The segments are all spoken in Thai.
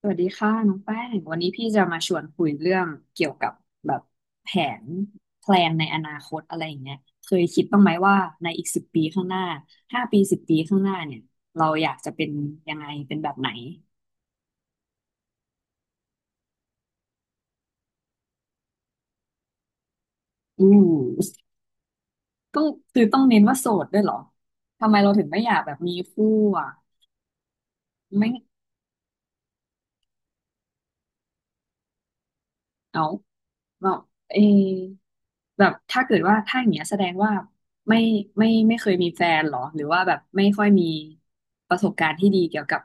สวัสดีค่ะน้องแป้งวันนี้พี่จะมาชวนคุยเรื่องเกี่ยวกับแบบแผนแพลนในอนาคตอะไรอย่างเงี้ยเคยคิดบ้างไหมว่าในอีกสิบปีข้างหน้าห้าปีสิบปีข้างหน้าเนี่ยเราอยากจะเป็นยังไงเป็นแบบไหนอู้ต้องคือต้องเน้นว่าโสดด้วยเหรอทำไมเราถึงไม่อยากแบบมีคู่อ่ะไม่เอาเราเอ แบบถ้าเกิดว่าถ้าอย่างเงี้ยแสดงว่าไม่ไม่เคยมีแฟนเหรอหรือว่าแบบไม่ค่อยมีประสบการณ์ที่ดีเกี่ยวกับ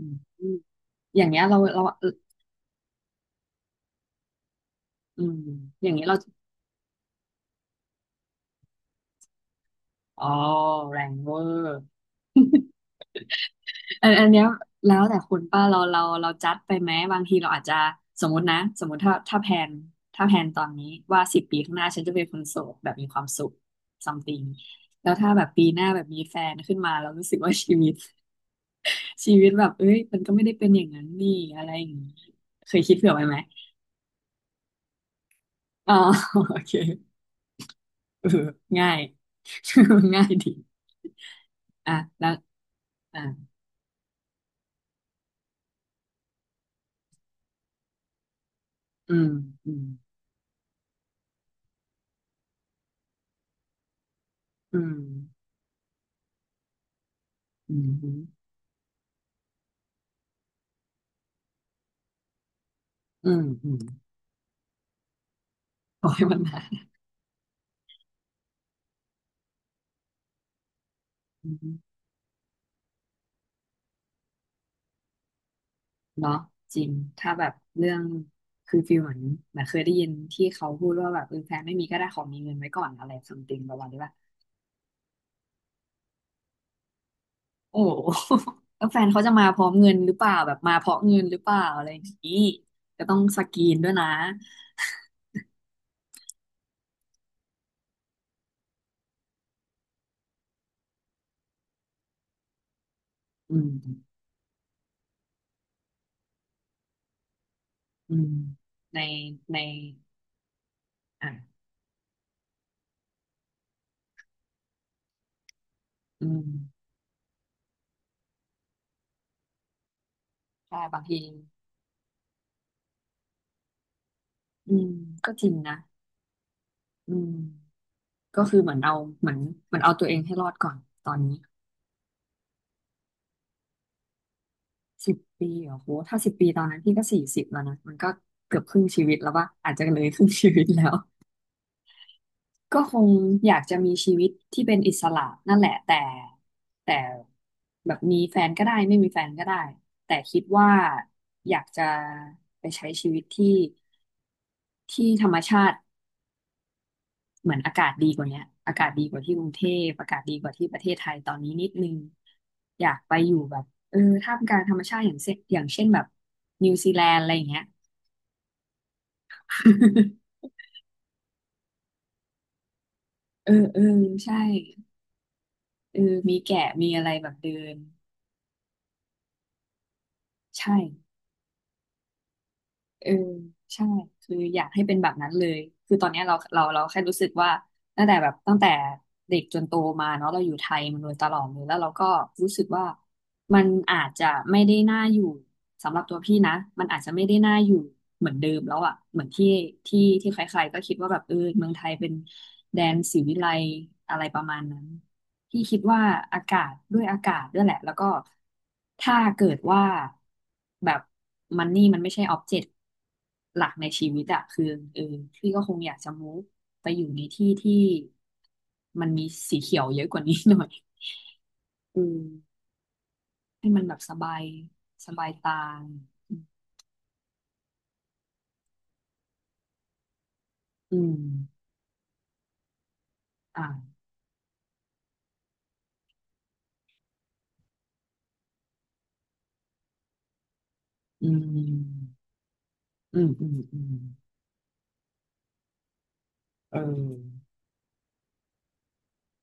อืมอย่างเงี้ยเราเอออืมอย่างเงี้ยเราอ๋อแรงเวอร์อันเนี้ยแล้วแต่คุณป้าเราจัดไปไหมบางทีเราอาจจะสมมตินะสมมติถ้าแพลนถ้าแพลนตอนนี้ว่าสิบปีข้างหน้าฉันจะเป็นคนโสดแบบมีความสุข something แล้วถ้าแบบปีหน้าแบบมีแฟนขึ้นมาเรารู้สึกว่าชีวิต ชีวิตแบบเอ้ยมันก็ไม่ได้เป็นอย่างนั้นนี่อะไรอย่างนี้เคยคิดเผื่อไว้ไหมอ๋อ โอเคเออง่าย ง่ายดีอ่ะแล้วอ่ะอืมอืมอืมอืมอืมอืมอืมปล่อยมันมา อืมเนาะจริงถ้าแบบเรื่องคือฟีลเหมือนเือเคยได้ยินที่เขาพูดว่าแบบเออแฟนไม่มีก็ได้ขอมีเงินไว้ก่อนอะไรซัมติงประมาณนี้ป่ะ โอ้ โหแล้วแฟนเขาจะมาพร้อมเงินหรือเปล่าแบบมาเพราะเงินหรือเปล่าอะไรอย่างนี้ก็ต้องสกรีนด้วยนะอืมอืมในในอ่ะอืมใช่บางทีอืมก็จริงนะอืมก็คือเหมือนเอาเหมือนเหมือนเอาตัวเองให้รอดก่อนตอนนี้สิบปีเหรอโหถ้าสิบปีตอนนั้นพี่ก็สี่สิบแล้วนะมันก็เกือบครึ่งชีวิตแล้วป่ะอาจจะเลยครึ่งชีวิตแล้ว ก็คงอยากจะมีชีวิตที่เป็นอิสระนั่นแหละแต่แบบมีแฟนก็ได้ไม่มีแฟนก็ได้แต่คิดว่าอยากจะไปใช้ชีวิตที่ที่ธรรมชาติเหมือนอากาศดีกว่าเนี้ยอากาศดีกว่าที่กรุงเทพอากาศดีกว่าที่ประเทศไทยตอนนี้นิดนึงอยากไปอยู่แบบเออท่ามกลางธรรมชาติอย่างเช่นแบบนิวซีแลนด์อะไรอย่างเงี้ย เออใช่เออมีแกะมีอะไรแบบเดินใช่ เออใช่คืออยากให้เป็นแบบนั้นเลยคือตอนเนี้ยเราแค่รู้สึกว่าตั้งแต่เด็กจนโตมาเนาะเราอยู่ไทยมาโดยตลอดเลยแล้วเราก็รู้สึกว่ามันอาจจะไม่ได้น่าอยู่สำหรับตัวพี่นะมันอาจจะไม่ได้น่าอยู่เหมือนเดิมแล้วอะเหมือนที่ที่ที่ใครๆก็คิดว่าแบบเออเมืองไทยเป็นแดนศรีวิไลย์อะไรประมาณนั้น พี่คิดว่าอากาศด้วยอากาศด้วยแหละแล้วก็ถ้าเกิดว่าแบบมันนี่มันไม่ใช่ออบเจกต์หลักในชีวิตอะคือเออพี่ก็คงอยากจะมูฟไปอยู่ในที่ที่มันมีสีเขียวเยอะกว่านี้หน่อยอืมให้มันแบบสบายสบายตาอืมอ่าอืมอืมอืมอืมเออ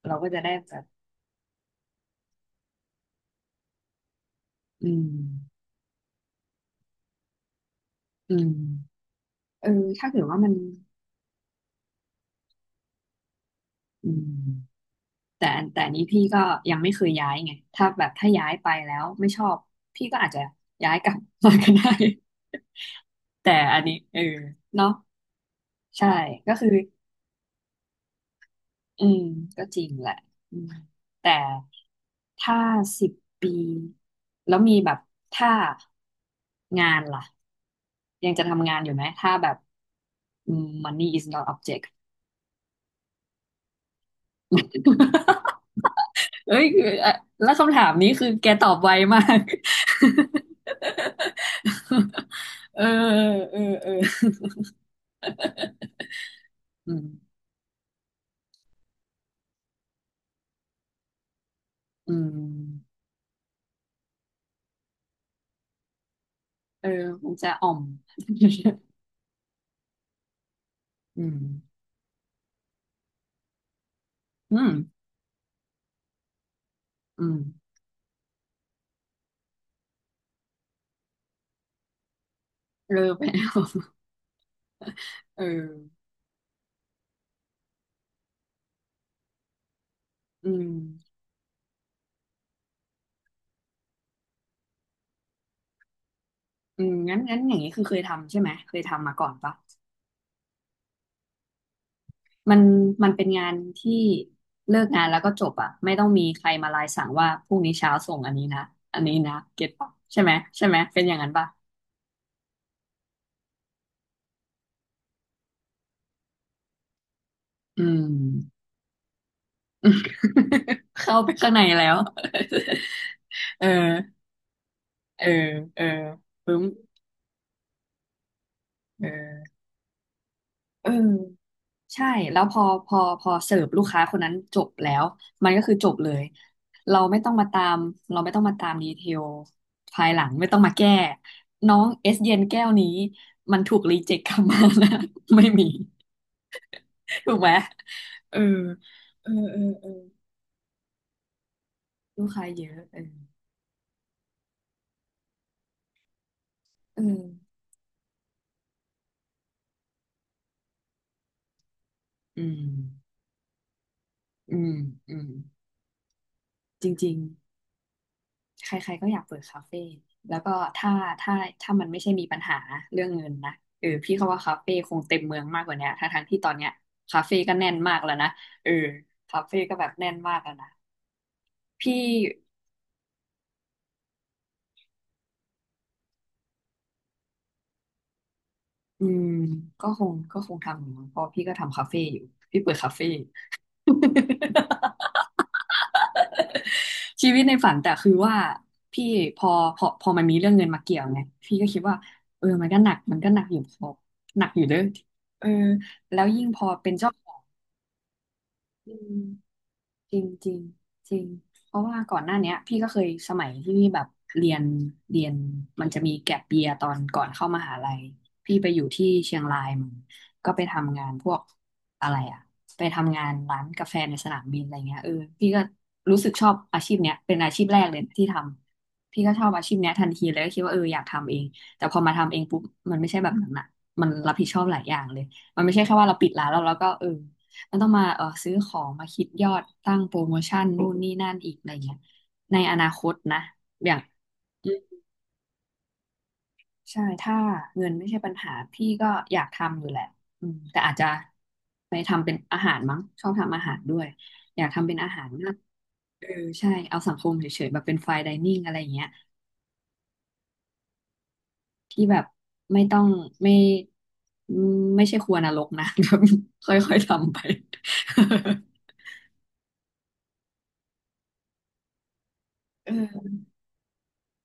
เราก็จะได้แบบอืมอืมเออถ้าเกิดว่ามันอืม แต่แต่อันนี้พี่ก็ยังไม่เคยย้ายไงถ้าแบบถ้าย้ายไปแล้วไม่ชอบพี่ก็อาจจะย้ายกลับมาก็ได้ แต่อันนี้เออเนาะใช่ก็คืออืมก็จริงแหละอืมแต่ถ้าสิบปีแล้วมีแบบถ้างานล่ะยังจะทำงานอยู่ไหมถ้าแบบอืม money is not object เอ้ยอ่ะแล้วคำถามนี้คือแกตอบไวมาก เออเออ อืมอืมเออคงจะอ่อม อืมอืมอืมเออไปแล้ว เอออืมอืมงั้นอย่างนี้คือเคยทำใช่ไหม เคยทำมาก่อนปะมันมันเป็นงานที่เลิกงานแล้วก็จบอ่ะไม่ต้องมีใครมาลายสั่งว่าพรุ่งนี้เช้าส่งอันนี้นะ อันนี้นะเก็ตปะใช่ไหม ใช่ไหม เป็นอย่างนั้นปะ อืม เข้าไปข้างในแล้ว เออเออเออปึ๊มเออเออใช่แล้วพอเสิร์ฟลูกค้าคนนั้นจบแล้วมันก็คือจบเลยเราไม่ต้องมาตามเราไม่ต้องมาตามดีเทลภายหลังไม่ต้องมาแก้น้องเอสเย็นแก้วนี้มันถูกรีเจ็คกลับมานะ ไม่มีถูกไหมเออเออลูกค้าเยอะเออเอออืมอืมอืม จริงๆใครๆก็อยากเปิดคาเฟ่แล้วก็ถ้าถ้าถ้ามันไม่ใช่มีปัญหาเรื่องเงินนะพี่เขาว่าคาเฟ่คงเต็มเมืองมากกว่าเนี้ยทั้งที่ตอนเนี้ยคาเฟ่ก็แน่นมากแล้วนะเออคาเฟ่ก็แบบแน่นมากแล้วนะพี่อืมก็คงทำอยู่มั้งเพราะพี่ก็ทำคาเฟ่อยู่พี่เปิดคาเฟ่ ชีวิตในฝันแต่คือว่าพี่พอพอมันมีเรื่องเงินมาเกี่ยวไงพี่ก็คิดว่ามันก็หนักมันก็หนักอยู่พอหนักอยู่เด้อเออแล้วยิ่งพอเป็นเจ้าของ จริงจริงจริงเพราะว่าก่อนหน้าเนี้ยพี่ก็เคยสมัยที่พี่แบบเรียนเรียนมันจะมีแก็ปเยียตอนก่อนเข้ามหาลัยพี่ไปอยู่ที่เชียงรายมันก็ไปทำงานพวกอะไรอะไปทำงานร้านกาแฟในสนามบินอะไรเงี้ยเออพี่ก็รู้สึกชอบอาชีพเนี้ยเป็นอาชีพแรกเลยที่ทำพี่ก็ชอบอาชีพเนี้ยทันทีเลยก็คิดว่าเอออยากทำเองแต่พอมาทำเองปุ๊บมันไม่ใช่แบบนั้นอะมันรับผิดชอบหลายอย่างเลยมันไม่ใช่แค่ว่าเราปิดร้านแล้วเราก็เออ แล้วต้องมาซื้อของมาคิดยอดตั้งโปรโมชั่นนู่นนี่นั่นอีกอะไรเงี้ยในอนาคตนะอย่างอืมใช่ถ้าเงินไม่ใช่ปัญหาพี่ก็อยากทำอยู่แหละอืมแต่อาจจะไปทำเป็นอาหารมั้งชอบทำอาหารด้วยอยากทำเป็นอาหารมากเออใช่เอาสังคมเฉยๆแบบเป็นไฟน์ไดนิ่งอะไรอย่างเงี้ยที่แบบไม่ต้องไม่อืมไม่ใช่ครัวนรกนะ แบบค่อยๆทำไปเออ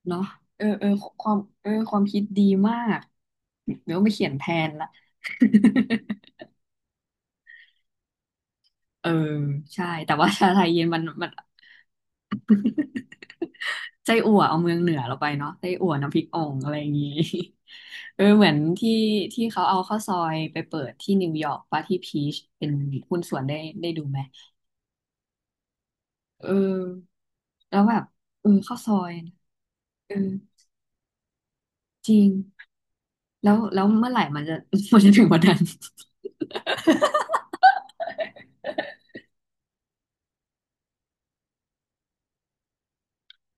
เนาะเออเออความความคิดดีมากเดี๋ยวไปเขียนแทนละ เออใช่แต่ว่าชาไทยเย็นมัน ไส้อั่วเอาเมืองเหนือเราไปเนาะไส้อั่วน้ำพริกอ่องอะไรอย่างงี้ เออเหมือนที่ที่เขาเอาข้าวซอยไปเปิดที่นิวยอร์กป่ะที่พีชเป็นหุ้นส่วนได้ได้ดูไหมเออแล้วแบบเออข้าวซอยเออจริงแล้วเมื่อไหร่มันจะ มันจะถึงวันนั้น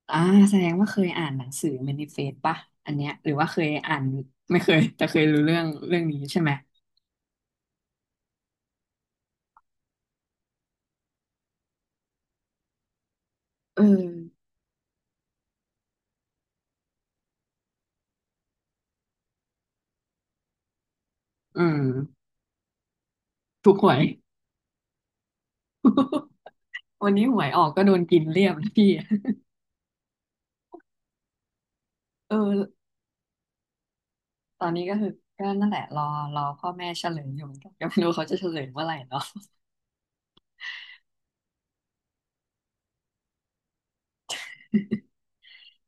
อ่าแสดงว่าเคยอ่านหนังสือ Manifest ป่ะอันเนี้ยหรือว่าเคยอ่านไม่เคย แต่เคยรู้เรื่องเรื่องนี้ใช่ไหมเอออืมถูกหวย วันนี้หวยออกก็โดนกินเรียบเลยพี่ เออตอนนี้ก็คือก็นั่นแหละรอรอพ่อแม่เฉลยอยู่เหมือนกัน ก็ไม่รู้เขาจะเฉลยเมื่อไหร่เนาะ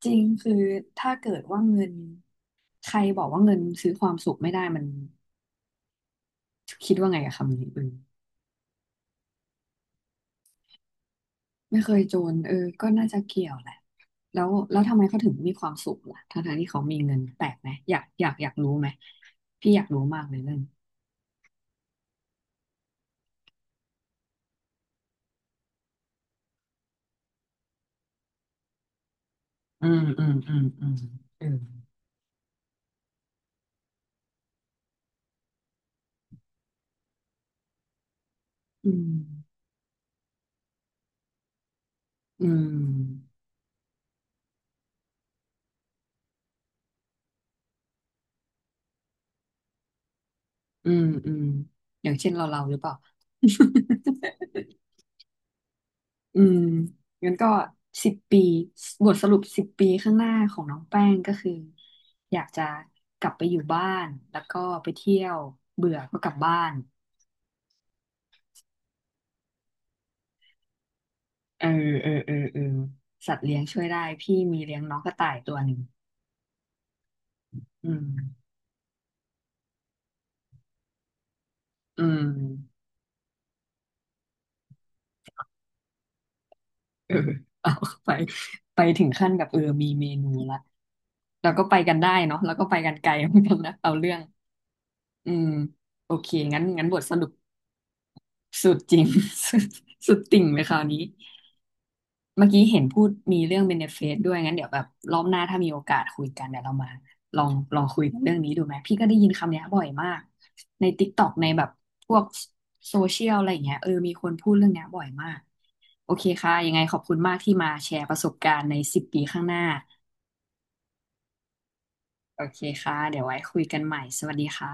จริงคือถ้าเกิดว่าเงินใครบอกว่าเงินซื้อความสุขไม่ได้มันคิดว่าไงกับคำนี้อืม ไม่เคยจนเออก็น่าจะเกี่ยวแหละ แล้วแล้วทำไมเขาถึงมีความสุขล่ะทั้งทที่เขามีเงินแปลกไหมอยากรู้ไหมพี่อยากรู้มากเลยเรื่องอืมอืมอืมอืมเอืมอืมอืมอืมอืมอย่างเช่นเราเราหรือเปล่า อืมงั้นก็สิบปีบทสรุปสิบปีข้างหน้าของน้องแป้งก็คืออยากจะกลับไปอยู่บ้านแล้วก็ไปเที่ยวเบื่อก็กลับบ้าน เออเออเออเออสัตว์เลี้ยงช่วยได้พี่มีเลี้ยงน้องกระต่ายตัวหนึ่งอืมอืมเออ เอาไปไปถึงขั้นกับมีเมนูละเราก็ไปกันได้เนาะแล้วก็ไปกันไกลเหมือนกันนะเอาเรื่องอืมโอเคงั้นงั้นบทสรุปสุดจริง สุดติ่งเลยคราวนี้ เมื่อกี้เห็นพูดมีเรื่องเบเนฟิตด้วยงั้นเดี๋ยวแบบรอบหน้าถ้ามีโอกาสคุยกันเดี๋ยวเรามาลองคุยกันเรื่องนี้ดูไหมพี่ก็ได้ยินคำเนี้ยบ่อยมากใน TikTok ในแบบพวกโซเชียลอะไรอย่างเงี้ยเออมีคนพูดเรื่องเนี้ยบ่อยมากโอเคค่ะยังไงขอบคุณมากที่มาแชร์ประสบการณ์ในสิบปีข้างหน้าโอเคค่ะเดี๋ยวไว้คุยกันใหม่สวัสดีค่ะ